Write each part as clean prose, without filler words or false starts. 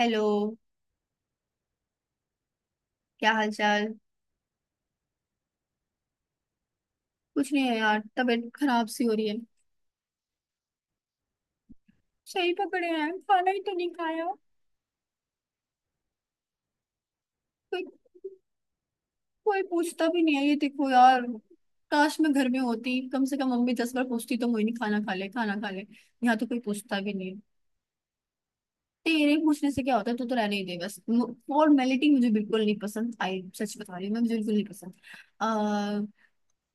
Hello. क्या हाल चाल? कुछ नहीं है यार, तबीयत खराब सी हो रही है। सही पकड़े हैं, खाना ही तो नहीं खाया। कोई कोई पूछता भी नहीं है, ये देखो यार। काश मैं घर में होती, कम से कम मम्मी 10 बार पूछती तो मुझे, नहीं खाना खा ले, खाना खा ले। यहाँ तो कोई पूछता भी नहीं है। तेरे पूछने से क्या होता है? तू तो रहने ही दे, बस फॉर्मेलिटी मुझे बिल्कुल नहीं पसंद आई, सच बता रही हूँ मैं, मुझे बिल्कुल नहीं पसंद। आ,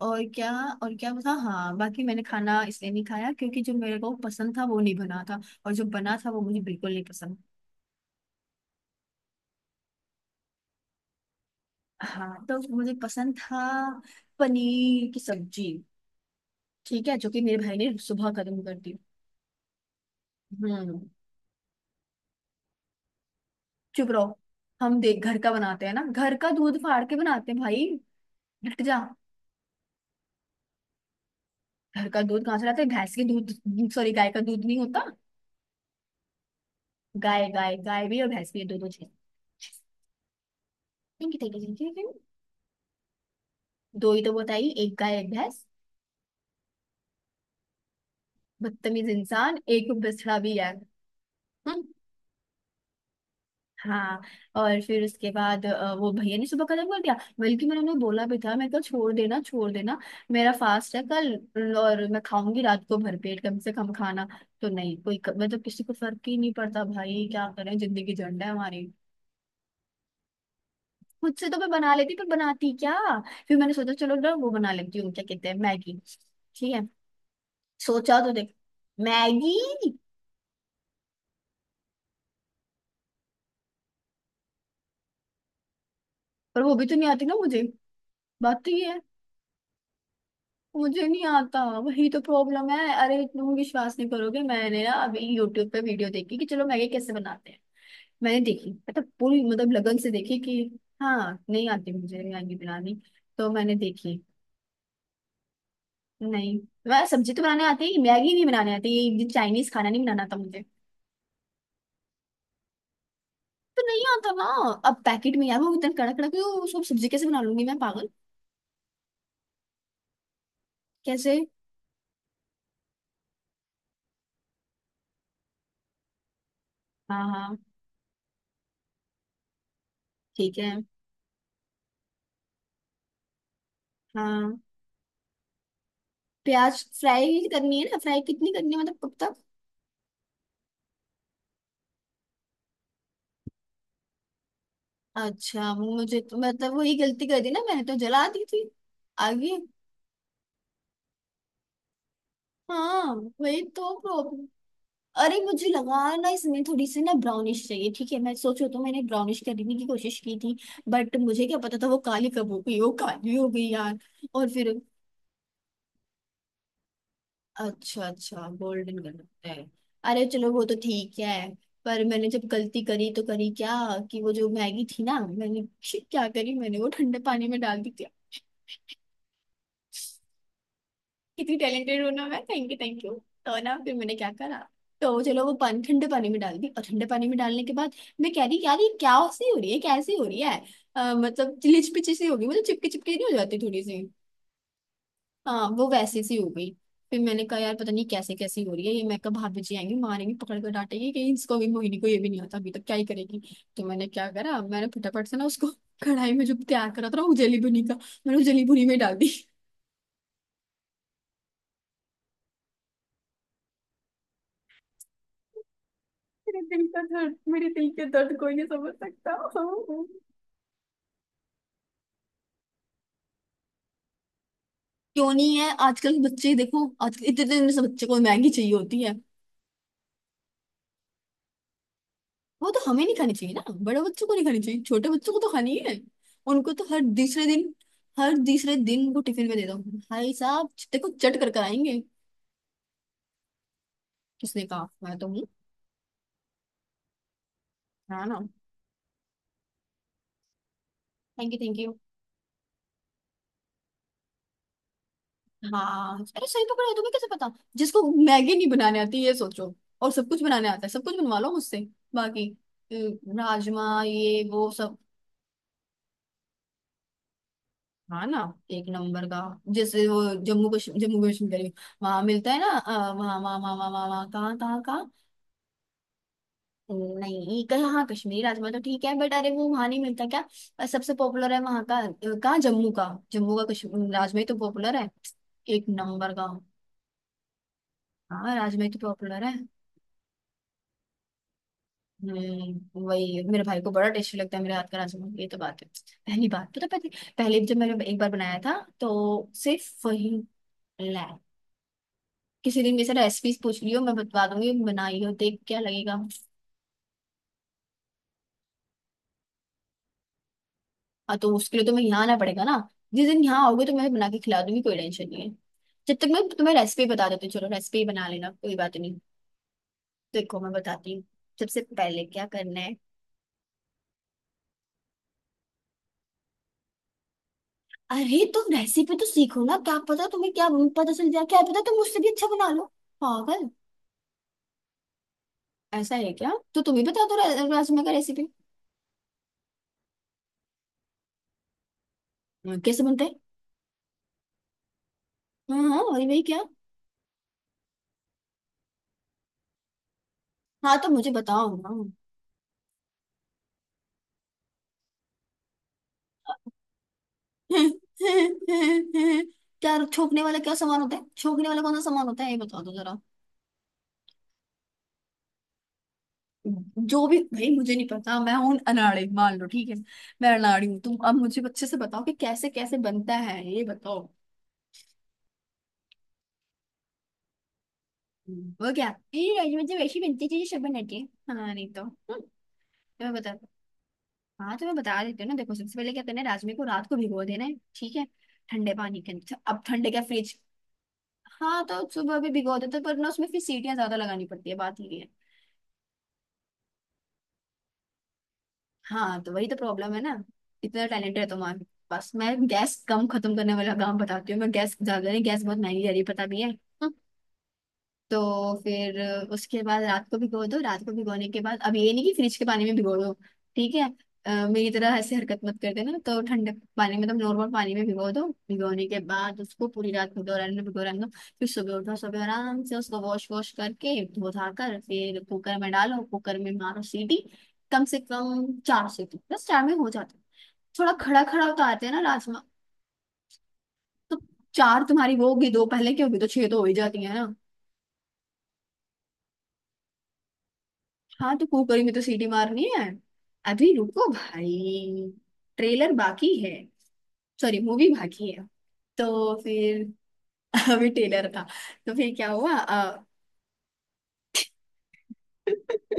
और क्या। और क्या बता। हाँ, बाकी मैंने खाना इसलिए नहीं खाया क्योंकि जो मेरे को पसंद था वो नहीं बना था। और जो बना था वो मुझे बिल्कुल नहीं पसंद। हाँ, तो मुझे पसंद था पनीर की सब्जी। ठीक है, जो कि मेरे भाई ने सुबह खत्म कर दी। हम्म। चुप रहो। हम देख, घर का बनाते हैं ना, घर का दूध फाड़ के बनाते हैं भाई। हट जा। घर का दूध कहाँ से लाते हैं? भैंस के दूध, सॉरी, गाय का दूध नहीं होता। गाय, गाय गाय भी और भैंस भी, दोनों चीज। ठीक है, ठीक है, ठीक है। दो ही तो बताई, एक गाय एक भैंस। बदतमीज इंसान! एक बछड़ा भी है। हम्म। हाँ। और फिर उसके बाद वो भैया ने सुबह खत्म कर दिया। बल्कि मैंने उन्हें बोला भी था, मैं कल छोड़ देना छोड़ देना। मेरा फास्ट है कल, और मैं खाऊंगी रात को भरपेट कम से कम खाना। तो नहीं, कोई मतलब किसी को फर्क ही नहीं पड़ता भाई, क्या करें, जिंदगी झंड है हमारी। खुद से तो मैं बना लेती, पर बनाती क्या? फिर मैंने सोचा, चलो ना वो बना लेती हूँ, क्या कहते हैं, मैगी। ठीक है। सोचा तो देख। मैगी। पर वो भी तो नहीं आती ना मुझे, बात तो ये है। मुझे नहीं आता, वही तो प्रॉब्लम है। अरे तुम विश्वास नहीं करोगे, मैंने ना अभी यूट्यूब पे वीडियो देखी कि चलो मैगी कैसे बनाते हैं। मैंने देखी, मतलब पूरी, मतलब लगन से देखी कि। हाँ, नहीं आती मुझे मैगी बनानी। तो मैंने देखी। नहीं। मैं सब्जी तो बनाने आती है, मैगी नहीं बनाने आती। ये चाइनीज खाना नहीं बनाना था मुझे। तो नहीं आता ना। अब पैकेट में यार वो इतना कड़क कड़क है, वो सब सब्जी कैसे बना लूंगी मैं, पागल? कैसे? हाँ हाँ। ठीक है। हाँ। प्याज फ्राई करनी है ना, फ्राई कितनी करनी है, मतलब कब? अच्छा, मुझे तो मतलब वही गलती कर दी ना, मैंने तो जला दी थी। आगे। हाँ, वही तो प्रॉब्लम। अरे मुझे लगा ना इसमें थोड़ी सी ना ब्राउनिश चाहिए, ठीक है, मैं सोचो तो मैंने ब्राउनिश करने की कोशिश की थी। बट मुझे क्या पता था वो काली कब हो गई, वो काली हो गई यार। और फिर। अच्छा अच्छा, गोल्डन कलर है। अरे चलो, वो तो ठीक है। पर मैंने जब गलती करी तो करी क्या, कि वो जो मैगी थी ना, मैंने क्या करी मैंने, वो ठंडे पानी में डाल दी थी। कितनी टैलेंटेड हूँ ना मैं, थैंक यू थैंक यू। तो ना फिर मैंने क्या करा, तो चलो वो पानी ठंडे पानी में डाल दी, और ठंडे पानी में डालने के बाद मैं कह रही यार, ये क्या सी हो रही है, कैसी हो रही है, मतलब लिच पिची सी होगी, मतलब चिपके चिपके नहीं, हो जाती थोड़ी सी। हाँ, वो वैसी सी हो गई। फिर मैंने कहा यार पता नहीं कैसे, कैसी हो रही है ये, मैं कहा भाभी जी आएंगी, मारेंगी, पकड़ कर डांटेगी कि इसको भी, मोहिनी को ये भी नहीं आता, अभी तक क्या ही करेगी। तो मैंने क्या करा, मैंने फटाफट से ना उसको कढ़ाई में जो तैयार करा था ना उजली बुनी का, मैंने उजली बुनी में डाल दी। मेरे दिल का दर्द, मेरे दिल के दर्द कोई नहीं समझ सकता। क्यों नहीं है? आजकल के बच्चे देखो, आजकल इतने इतने से बच्चे को मैगी चाहिए होती है। वो तो हमें नहीं खानी चाहिए ना, बड़े बच्चों को नहीं खानी चाहिए, छोटे बच्चों को तो खानी है। उनको तो हर तीसरे दिन, हर तीसरे दिन वो टिफिन में दे दो, भाई साहब देखो, चट कर कर आएंगे। किसने कहा? मैं तो हूँ। हाँ ना। Thank you thank you. हाँ, अरे सही पकड़े हो, तुम्हें कैसे पता? जिसको मैगी नहीं बनाने आती, ये सोचो। और सब कुछ बनाने आता है, सब कुछ बनवा लो मुझसे। बाकी अ, राजमा, ये वो सब। हाँ ना। एक नंबर का। जैसे वो जम्मू कश्मीर करी, वहां मिलता है ना, वहाँ वहाँ वहाँ वहाँ वहाँ वहाँ, कहाँ कहाँ कहाँ। नहीं कहीं, हाँ, कश्मीरी राजमा तो ठीक है, बट अरे वो वहां नहीं मिलता क्या? सबसे पॉपुलर है वहां का, कहाँ? जम्मू का। जम्मू का कश्मीर राजमा ही तो पॉपुलर है। एक नंबर का। हाँ, राजमा ही तो पॉपुलर है। हम्म, वही मेरे भाई को बड़ा टेस्टी लगता है, मेरे हाथ का राजमा, ये तो बात है। पहली बात, पता, पहले पहले जब मैंने एक बार बनाया था, तो सिर्फ वही। किसी दिन मेरे से रेसिपीज पूछ लियो, मैं बता दूंगी, बनाई हो देख क्या लगेगा। हाँ, तो उसके लिए तुम्हें यहाँ आना पड़ेगा ना। जिस दिन यहाँ आओगे तो मैं बना के खिला दूंगी, कोई टेंशन नहीं है। जब तक मैं तुम्हें रेसिपी बता देती हूँ, चलो रेसिपी बना लेना, कोई बात नहीं। देखो मैं बताती हूँ, सबसे पहले क्या करना है। अरे तुम रेसिपी तो सीखो ना, क्या पता तुम्हें, क्या पता चल जाए, क्या पता तुम मुझसे भी अच्छा बना लो। पागल। ऐसा है क्या? तो तुम ही बता दो राजमा का रेसिपी। कैसे बनता है? हाँ हाँ वही, वही क्या? हाँ तो मुझे बताओ ना। क्या छोकने वाला, क्या सामान होता है? छोकने वाला कौन सा सामान होता है, ये बता दो जरा। जो भी भाई, मुझे नहीं पता, मैं हूं अनाड़ी मान लो, ठीक है। मैं अनाड़ी हूँ, तुम अब मुझे अच्छे से बताओ कि कैसे कैसे बनता है, ये बताओ। वो क्या, ये राजमा जब ऐसी बनती है जैसे सब बनाते हैं। हाँ नहीं, तो तो मैं बता। हाँ तो मैं बता देती हूँ ना, देखो सबसे पहले क्या करना है, राजमे को रात को भिगो देना है, ठीक है, ठंडे पानी के अंदर, अब ठंडे क्या, फ्रिज। हाँ तो सुबह भी भिगो देते, पर ना उसमें फिर सीटियाँ ज्यादा लगानी पड़ती है, बात ये है। हाँ तो वही तो प्रॉब्लम है ना। इतना टैलेंट है तुम्हारे पास, मैं गैस कम खत्म करने वाला काम बताती हूँ, मैं गैस ज्यादा नहीं, गैस बहुत महंगी जा रही है, पता भी है। तो फिर उसके बाद रात को भिगो दो, रात को भिगोने के बाद अब ये नहीं कि फ्रिज के पानी में भिगो दो। ठीक है। मेरी तरह ऐसे हरकत मत कर देना, तो ठंडे पानी में तो, नॉर्मल पानी में भिगो दो, भिगोने के बाद उसको पूरी रात भिगो रहने दो, भिगो रहने दो। फिर सुबह उठो, सुबह आराम से उसको वॉश वॉश करके, धो धा कर, फिर कुकर में डालो, कुकर में मारो सीटी। कम से कम 4 सीटी, बस 4 में हो जाता है। थोड़ा खड़ा खड़ा उतारते हैं ना राजमा। तो 4 तुम्हारी वो होगी, 2 पहले की होगी, तो 6 तो हो ही जाती है ना। हाँ तो कुकरी में तो सीटी मारनी है। अभी रुको भाई, ट्रेलर बाकी है। सॉरी, मूवी बाकी है। तो फिर अभी ट्रेलर था। तो फिर क्या हुआ,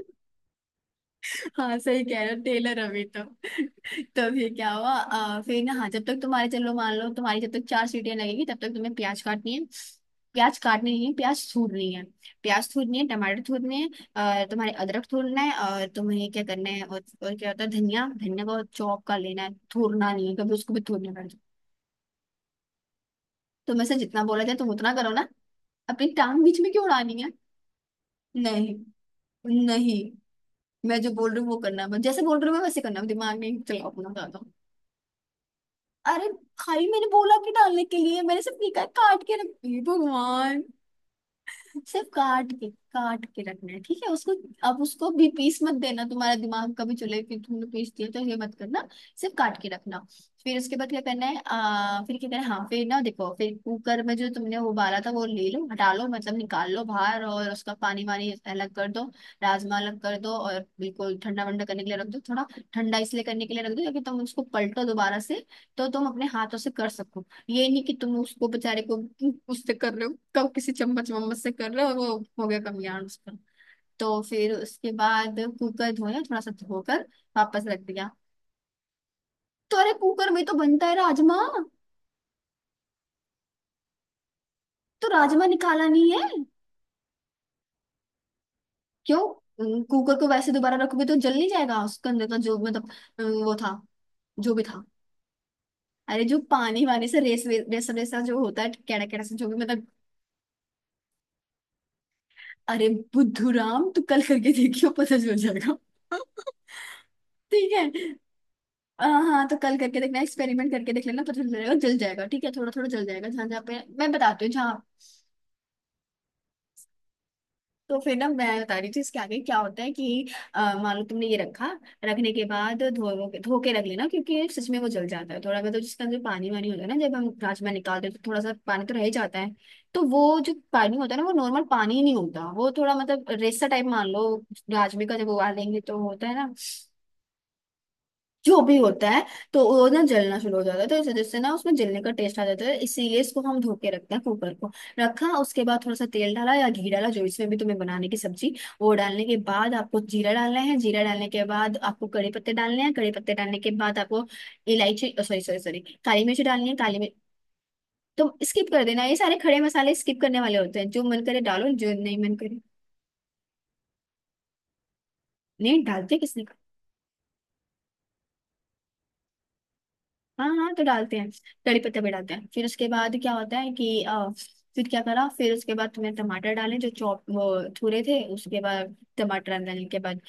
हाँ सही कह रहे हो, टेलर अभी तो तो फिर क्या हुआ, फिर ना, हाँ जब तक तुम्हारे, चलो मान लो तुम्हारी, जब तक 4 सीटियां लगेगी तब तक तुम्हें प्याज काटनी है। प्याज काटनी नहीं है, प्याज थूरनी है। प्याज थूरनी है, टमाटर थूरने हैं, तुम्हारे अदरक थूरना है, और तुम्हें क्या करना है, और क्या होता है, धनिया, धनिया को चॉप कर लेना है, थूरना नहीं है, कभी उसको भी थूरने पड़ जाए। तुम्हें से जितना बोला जाए तुम उतना करो ना, अपनी टांग बीच में क्यों उड़ानी है। नहीं। नहीं। मैं जो बोल रही हूँ वो करना है, जैसे बोल रही हूँ मैं वैसे करना, दिमाग नहीं चलाओ अपना ज्यादा। अरे भाई, मैंने बोला कि डालने के लिए मैंने सिर्फ निकाय काट के रख, हे भगवान। सिर्फ काट के रखना है, ठीक है, उसको। अब उसको भी पीस मत देना, तुम्हारा दिमाग कभी चले कि तुमने पीस दिया, तो ये मत करना, सिर्फ काट के रखना। फिर उसके बाद क्या करना है, फिर क्या करना है, हाँ फिर ना देखो, फिर कुकर में जो तुमने उबाला था वो ले लो, हटा लो मतलब, निकाल लो बाहर, और उसका पानी वानी अलग कर दो। राजमा अलग कर दो और बिल्कुल ठंडा वंडा करने के लिए रख दो थोड़ा। ठंडा इसलिए करने के लिए रख दो क्योंकि तुम उसको पलटो दोबारा से, तो तुम अपने हाथों से कर सको। ये नहीं कि तुम उसको बेचारे को उससे कर रहे हो, कब किसी चम्मच वम्मच से कर रहे हो, और वो हो गया कमियान उस पर। तो फिर उसके बाद कुकर धोया, थोड़ा सा धोकर वापस रख दिया। तो अरे कुकर में तो बनता है राजमा। तो राजमा निकाला नहीं है। क्यों? कुकर को वैसे दोबारा रखोगे तो जल नहीं जाएगा उसके अंदर का जो मतलब वो था जो भी था। अरे जो पानी वानी से रेसा रेसा जो होता है कैड़ा कैड़ा सा जो भी मतलब। अरे बुद्धू राम तू कल करके देखियो पता चल जाएगा। ठीक है। हाँ तो कल करके देखना एक्सपेरिमेंट करके देख लेना पता चलेगा जल जाएगा ठीक है थोड़ा थोड़ा जल जाएगा जहाँ जहाँ पे मैं बताती हूँ जहाँ। तो फिर ना मैं बता रही थी इसके आगे क्या होता है कि मान लो तुमने ये रखा। रखने के बाद धो धो के रख लेना क्योंकि सच में वो जल जाता है थोड़ा मतलब जिसका जो पानी वानी होता है ना जब हम राजमा निकालते हैं तो थोड़ा सा पानी तो रह ही जाता है। तो वो जो पानी होता है ना वो नॉर्मल पानी ही नहीं होता वो थोड़ा मतलब रेसा टाइप मान लो। राजमे का जब उबालेंगे तो होता है ना। जो भी होता है। तो वो ना जलना शुरू हो जाता है तो इस वजह से ना उसमें जलने का टेस्ट आ जाता है इसीलिए इसको हम धो के रखते हैं कुकर को। रखा उसके बाद थोड़ा सा तेल डाला या घी डाला जो इसमें भी तुम्हें बनाने की सब्जी। वो डालने के बाद आपको जीरा डालना है, जीरा डालने के बाद आपको कड़ी पत्ते डालने हैं, कड़ी पत्ते डालने के बाद आपको इलायची, सॉरी सॉरी सॉरी, काली मिर्च डालनी है काली मिर्च। तो स्किप कर देना, ये सारे खड़े मसाले स्किप करने वाले होते हैं, जो मन करे डालो जो नहीं मन करे। नहीं डालते किसने? हाँ हाँ तो डालते हैं। कड़ी पत्ते भी डालते हैं। फिर उसके बाद क्या होता है कि फिर क्या करा, फिर उसके बाद तुमने टमाटर डाले जो चॉप वो थुरे थे, उसके बाद टमाटर डालने के बाद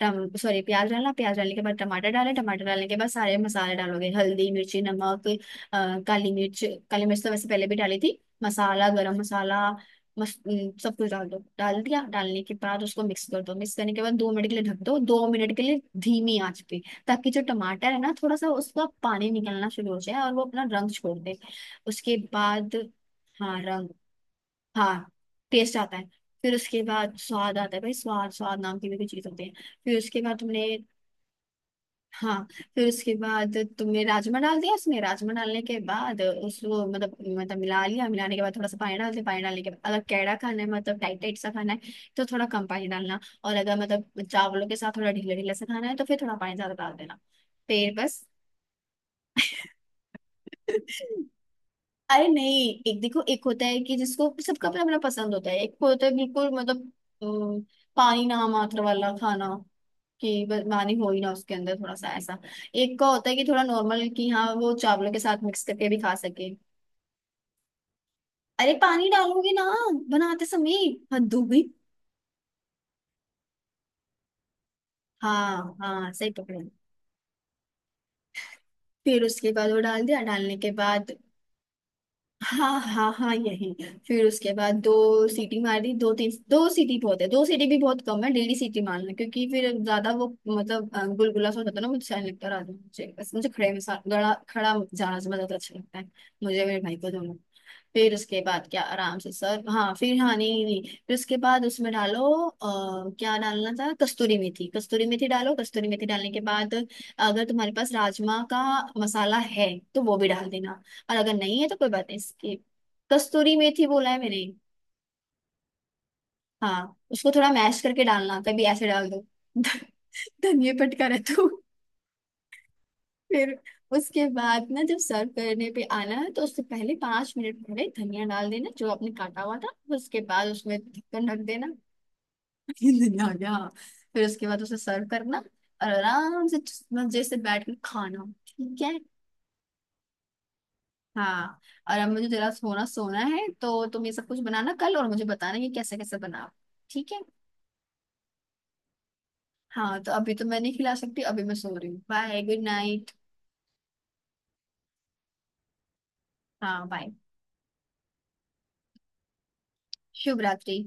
टम सॉरी, प्याज डाला, प्याज डालने के बाद टमाटर डाले, टमाटर डालने के बाद सारे मसाले डालोगे, हल्दी मिर्ची नमक काली मिर्च। काली मिर्च तो वैसे पहले भी डाली थी, मसाला गरम मसाला न, सब कुछ डाल दो। डाल दिया, डालने के बाद उसको मिक्स कर दो, मिक्स करने के बाद 2 मिनट के लिए ढक दो, 2 मिनट के लिए धीमी आंच पे, ताकि जो टमाटर है ना थोड़ा सा उसका पानी निकलना शुरू हो जाए और वो अपना रंग छोड़ दे। उसके बाद हाँ रंग हाँ टेस्ट आता है। फिर उसके बाद स्वाद आता है, भाई स्वाद, स्वाद नाम की भी कोई चीज होती है। फिर उसके बाद तुमने, हाँ, फिर उसके बाद तुमने राजमा डाल दिया उसमें, राजमा डालने के बाद उसको मतलब मिला लिया, मिलाने के बाद थोड़ा सा पानी डाल दिया, पानी डालने के बाद अगर कैड़ा खाना है मतलब टाइट टाइट सा खाना है तो थोड़ा कम पानी डालना, और अगर मतलब चावलों के साथ थोड़ा ढीला ढीला सा खाना है तो फिर थोड़ा पानी ज्यादा डाल देना। फिर बस। अरे नहीं, एक देखो, एक होता है कि जिसको सबका अपना अपना पसंद होता है, एक को होता है बिल्कुल मतलब अम, पानी ना मात्र वाला खाना, कि बस पानी हो ही ना उसके अंदर थोड़ा सा ऐसा। एक का होता है कि थोड़ा नॉर्मल, कि हाँ वो चावलों के साथ मिक्स करके भी खा सके। अरे पानी डालोगे ना बनाते समय, हद हो गई। हाँ हाँ सही पकड़े। फिर उसके बाद वो डाल दिया, डालने के बाद हाँ हाँ हाँ यही। फिर उसके बाद दो सीटी मार दी, दो तीन, दो सीटी बहुत है, दो सीटी भी बहुत कम है, डेली सीटी मारना, क्योंकि फिर ज्यादा वो मतलब गुलगुला सा हो जाता है ना, मुझे अच्छा नहीं लगता रात में, मुझे बस मुझे खड़े में गड़ा खड़ा जाना ज्यादा अच्छा लगता है मुझे और मेरे भाई को दोनों को। फिर उसके बाद क्या आराम से सर, हाँ फिर हाँ नहीं नहीं, फिर उसके बाद उसमें डालो क्या डालना था, कस्तूरी मेथी, कस्तूरी मेथी डालो, कस्तूरी मेथी डालने के बाद अगर तुम्हारे पास राजमा का मसाला है तो वो भी डाल देना, और अगर नहीं है तो कोई बात नहीं इसकी। कस्तूरी मेथी बोला है मैंने। हाँ उसको थोड़ा मैश करके डालना, कभी ऐसे डाल दो धनिया पटका रहे तो। फिर उसके बाद ना जब सर्व करने पे आना है तो उससे पहले 5 मिनट पहले धनिया डाल देना जो आपने काटा हुआ था। उसके बाद उसमें ढक्कन ढक देना। धनिया आ गया। फिर उसके बाद उसे सर्व करना और आराम से मजे से बैठ कर खाना ठीक है। हाँ। और अब मुझे जरा सोना सोना है तो तुम ये सब कुछ बनाना कल और मुझे बताना कि कैसे कैसे बनाओ ठीक है। हाँ तो अभी तो मैं नहीं खिला सकती, अभी मैं सो रही हूँ, बाय, गुड नाइट। हाँ बाय। शुभ रात्रि।